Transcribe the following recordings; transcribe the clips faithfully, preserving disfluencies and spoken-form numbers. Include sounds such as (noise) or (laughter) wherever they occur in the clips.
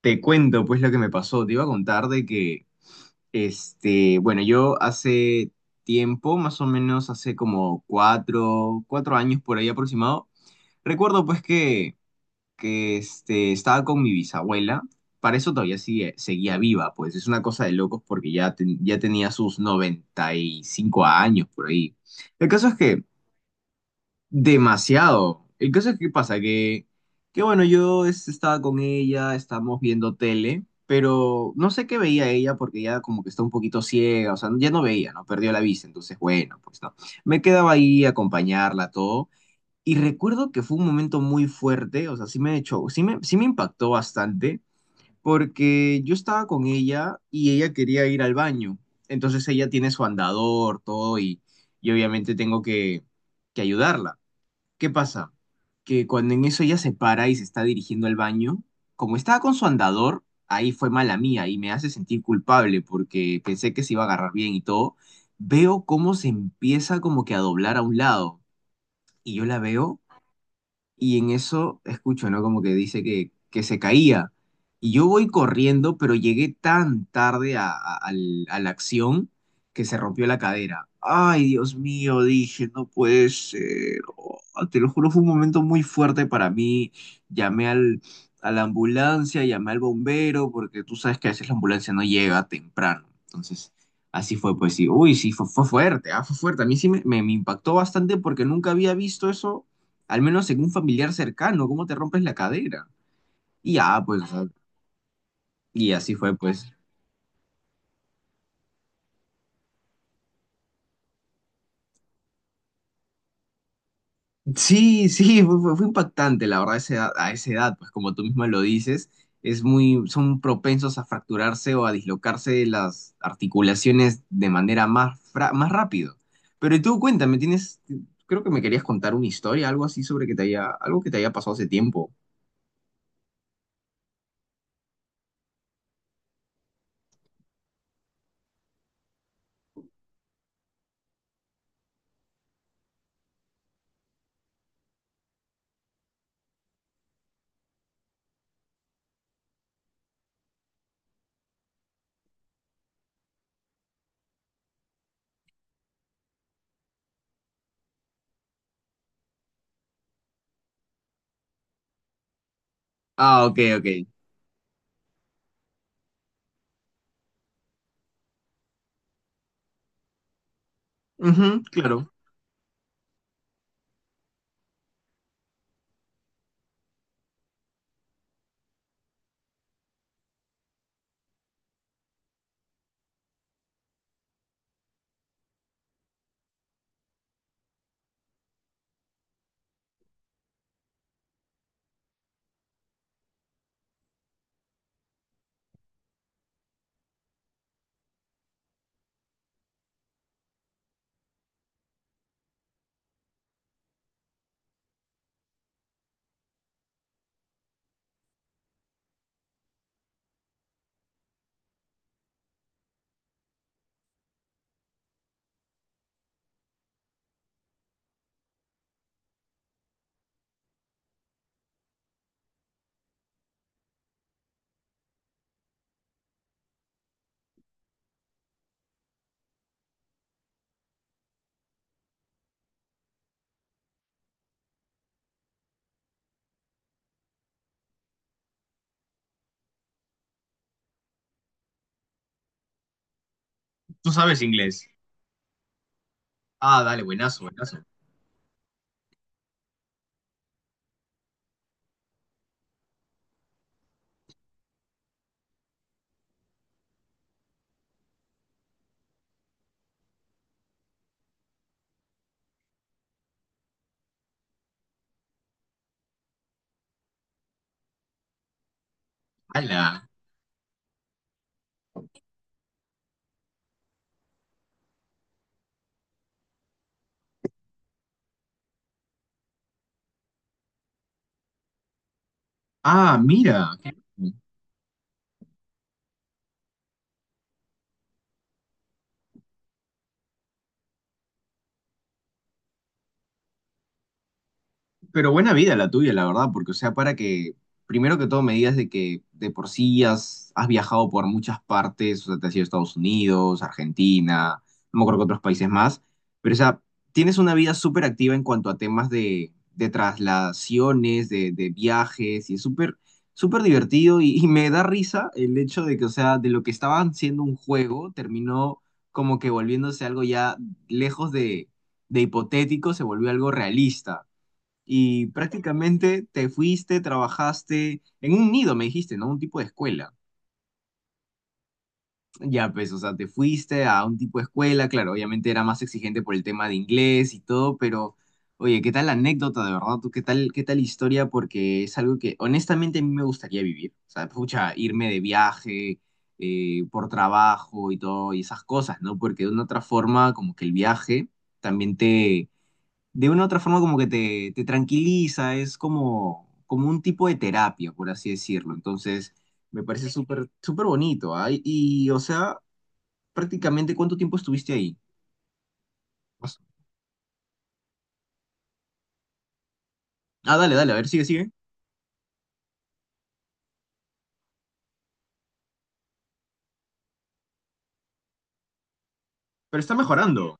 Te cuento pues lo que me pasó. Te iba a contar de que, este, bueno, yo hace tiempo, más o menos hace como cuatro, cuatro años por ahí aproximado. Recuerdo pues que, que este, estaba con mi bisabuela. Para eso todavía sigue, seguía viva, pues es una cosa de locos porque ya, ten- ya tenía sus noventa y cinco años por ahí. El caso es que. Demasiado. El caso es que pasa que, que bueno, yo es- estaba con ella, estábamos viendo tele, pero no sé qué veía ella porque ya como que está un poquito ciega, o sea, ya no veía, ¿no? Perdió la vista, entonces bueno, pues no. Me quedaba ahí a acompañarla, todo. Y recuerdo que fue un momento muy fuerte, o sea, sí me echó, sí me, sí me impactó bastante porque yo estaba con ella y ella quería ir al baño. Entonces ella tiene su andador, todo, y, y obviamente tengo que que ayudarla. ¿Qué pasa? Que cuando en eso ella se para y se está dirigiendo al baño, como estaba con su andador, ahí fue mala mía y me hace sentir culpable porque pensé que se iba a agarrar bien y todo. Veo cómo se empieza como que a doblar a un lado y yo la veo y en eso escucho, ¿no? Como que dice que, que se caía. Y yo voy corriendo, pero llegué tan tarde a, a- al- a la acción, que se rompió la cadera. Ay, Dios mío, dije, no puede ser. Oh, te lo juro, fue un momento muy fuerte para mí. Llamé al, a la ambulancia, llamé al bombero, porque tú sabes que a veces la ambulancia no llega temprano. Entonces, así fue, pues sí. Uy, sí, fue, fue fuerte, ah, fue fuerte. A mí sí me, me me impactó bastante porque nunca había visto eso, al menos en un familiar cercano. ¿Cómo te rompes la cadera? Y ya, pues, o sea, y así fue, pues. Sí, sí, fue, fue- fue impactante, la verdad, a esa edad, a esa edad, pues como tú misma lo dices, es muy, son propensos a fracturarse o a dislocarse las articulaciones de manera más, fra- más rápido. Pero tú cuéntame, tienes, creo que me querías contar una historia, algo así sobre que te haya, algo que te haya pasado hace tiempo. Ah, ok, ok. Ujú, claro. Tú sabes inglés. Ah, dale, buenazo, buenazo. ¡Hala! Ah, mira, qué. Pero buena vida la tuya, la verdad, porque, o sea, para que, primero que todo, me digas de que de por sí has, has viajado por muchas partes, o sea, te has ido a Estados Unidos, Argentina, no me acuerdo que otros países más, pero, o sea, tienes una vida súper activa en cuanto a temas de, de traslaciones, de, de viajes, y es súper, súper divertido, y, y me da risa el hecho de que, o sea, de lo que estaban siendo un juego, terminó como que volviéndose algo ya lejos de de hipotético, se volvió algo realista y prácticamente te fuiste, trabajaste en un nido, me dijiste, ¿no? Un tipo de escuela. Ya, pues, o sea, te fuiste a un tipo de escuela, claro, obviamente era más exigente por el tema de inglés y todo, pero oye, ¿qué tal la anécdota, de verdad? Tú qué tal, qué tal historia. Porque es algo que honestamente a mí me gustaría vivir. O sea, pucha, irme de viaje, eh, por trabajo y todo, y esas cosas, ¿no? Porque de una otra forma, como que el viaje también te de una u otra forma como que te, te tranquiliza, es como, como un tipo de terapia, por así decirlo. Entonces, me parece súper, súper bonito, ¿ah? Y, y, o sea, prácticamente, ¿cuánto tiempo estuviste ahí? Ah, dale, dale, a ver, sigue, sigue. Pero está mejorando.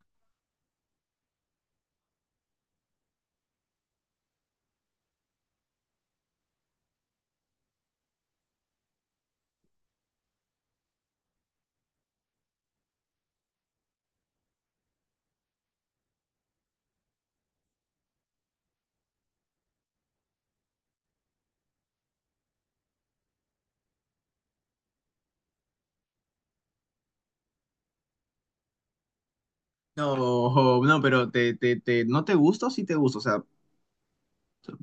No, no, pero te, te, te, ¿no te gusta o sí te gusta? O sea,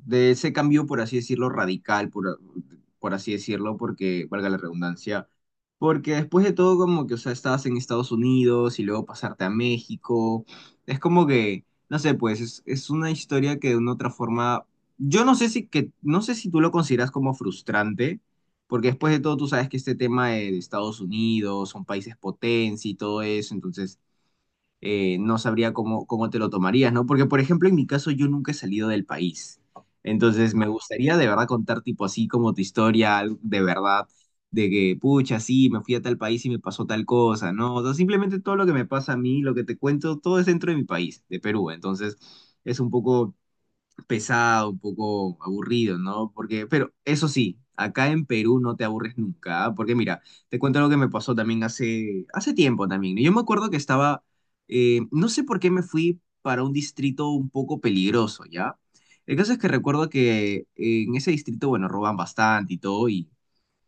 de ese cambio, por así decirlo, radical, por, por así decirlo, porque, valga la redundancia, porque después de todo, como que, o sea, estabas en Estados Unidos y luego pasarte a México, es como que, no sé, pues es, es una historia que de una otra forma, yo no sé si, que, no sé si tú lo consideras como frustrante, porque después de todo tú sabes que este tema de, de Estados Unidos, son países potencia y todo eso, entonces eh, no sabría cómo, cómo te lo tomarías, ¿no? Porque, por ejemplo, en mi caso yo nunca he salido del país. Entonces, me gustaría de verdad contar tipo así como tu historia, algo de verdad, de que, pucha, sí, me fui a tal país y me pasó tal cosa, ¿no? O sea, simplemente todo lo que me pasa a mí, lo que te cuento, todo es dentro de mi país, de Perú. Entonces, es un poco pesado, un poco aburrido, ¿no? Porque, pero eso sí, acá en Perú no te aburres nunca, ¿ah? Porque mira, te cuento algo que me pasó también hace, hace tiempo también, ¿no? Yo me acuerdo que estaba, eh, no sé por qué me fui para un distrito un poco peligroso, ¿ya? El caso es que recuerdo que eh, en ese distrito, bueno, roban bastante y todo, y,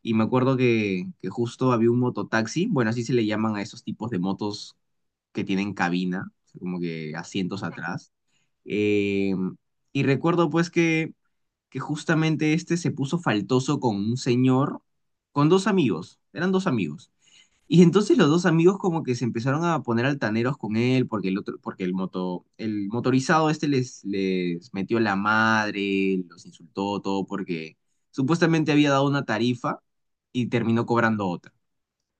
y me acuerdo que, que justo había un mototaxi, bueno, así se le llaman a esos tipos de motos que tienen cabina, como que asientos atrás. Eh, y recuerdo pues que, que justamente este se puso faltoso con un señor, con dos amigos, eran dos amigos. Y entonces los dos amigos como que se empezaron a poner altaneros con él porque el otro, porque el moto, el motorizado este les, les metió la madre, los insultó todo porque supuestamente había dado una tarifa y terminó cobrando otra.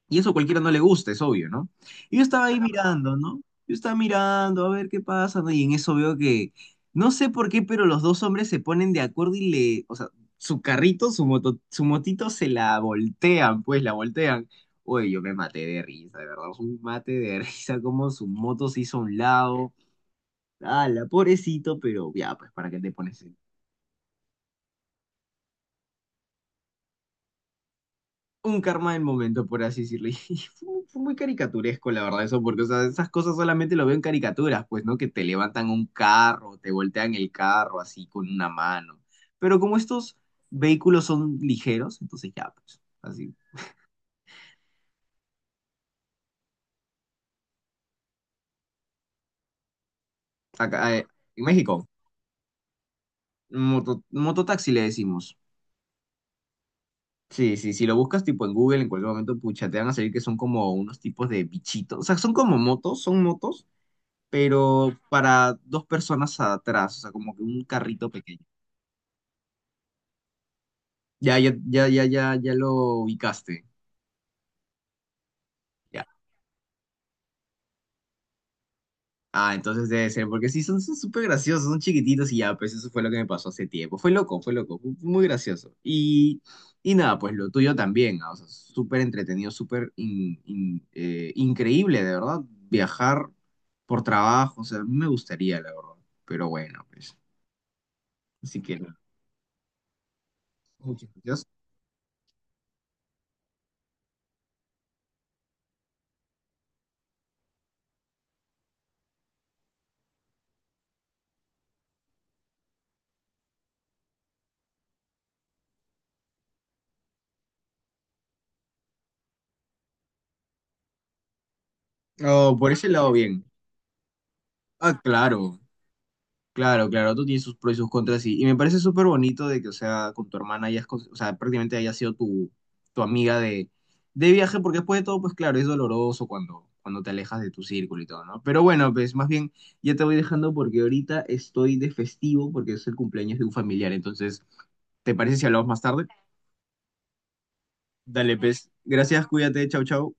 Y eso a cualquiera no le gusta, es obvio, ¿no? Y yo estaba ahí mirando, ¿no? Yo estaba mirando a ver qué pasa, ¿no? Y en eso veo que, no sé por qué, pero los dos hombres se ponen de acuerdo y le, o sea, su carrito, su moto, su motito se la voltean, pues la voltean. Oye, yo me maté de risa, de verdad, un mate de (laughs) risa, como su moto se hizo a un lado, la pobrecito, pero ya, pues, ¿para qué te pones? Un karma del momento, por así decirlo. (laughs) Y fue, muy fue muy caricaturesco, la verdad, eso, porque o sea, esas cosas solamente lo veo en caricaturas, pues, ¿no? Que te levantan un carro, te voltean el carro así con una mano. Pero como estos vehículos son ligeros, entonces ya, pues, así. Acá, eh, en México, moto- mototaxi le decimos. Sí, sí, si lo buscas tipo en Google, en cualquier momento, pucha, te van a salir que son como unos tipos de bichitos. O sea, son como motos, son motos, pero para dos personas atrás, o sea, como que un carrito pequeño. Ya, ya, ya, ya, ya, ya lo ubicaste. Ya. Ah, entonces debe ser, porque sí, son son súper graciosos, son chiquititos y ya, pues eso fue lo que me pasó hace tiempo. Fue loco, fue loco, fue muy gracioso. Y, y nada, pues lo tuyo también, ah, o sea, súper entretenido, súper in- in- eh, increíble, de verdad, viajar por trabajo, o sea, a mí me gustaría, la verdad. Pero bueno, pues, así que nada. Muchas gracias. Oh, por ese lado, bien. Ah, claro. Claro, claro, tú tienes sus pros y sus contras, y, y me parece súper bonito de que, o sea, con tu hermana hayas, cons- o sea, prácticamente haya sido tu tu amiga de, de viaje, porque después de todo, pues claro, es doloroso cuando, cuando te alejas de tu círculo y todo, ¿no? Pero bueno, pues más bien ya te voy dejando porque ahorita estoy de festivo porque es el cumpleaños de un familiar, entonces, ¿te parece si hablamos más tarde? Dale, pues, gracias, cuídate, chau, chau.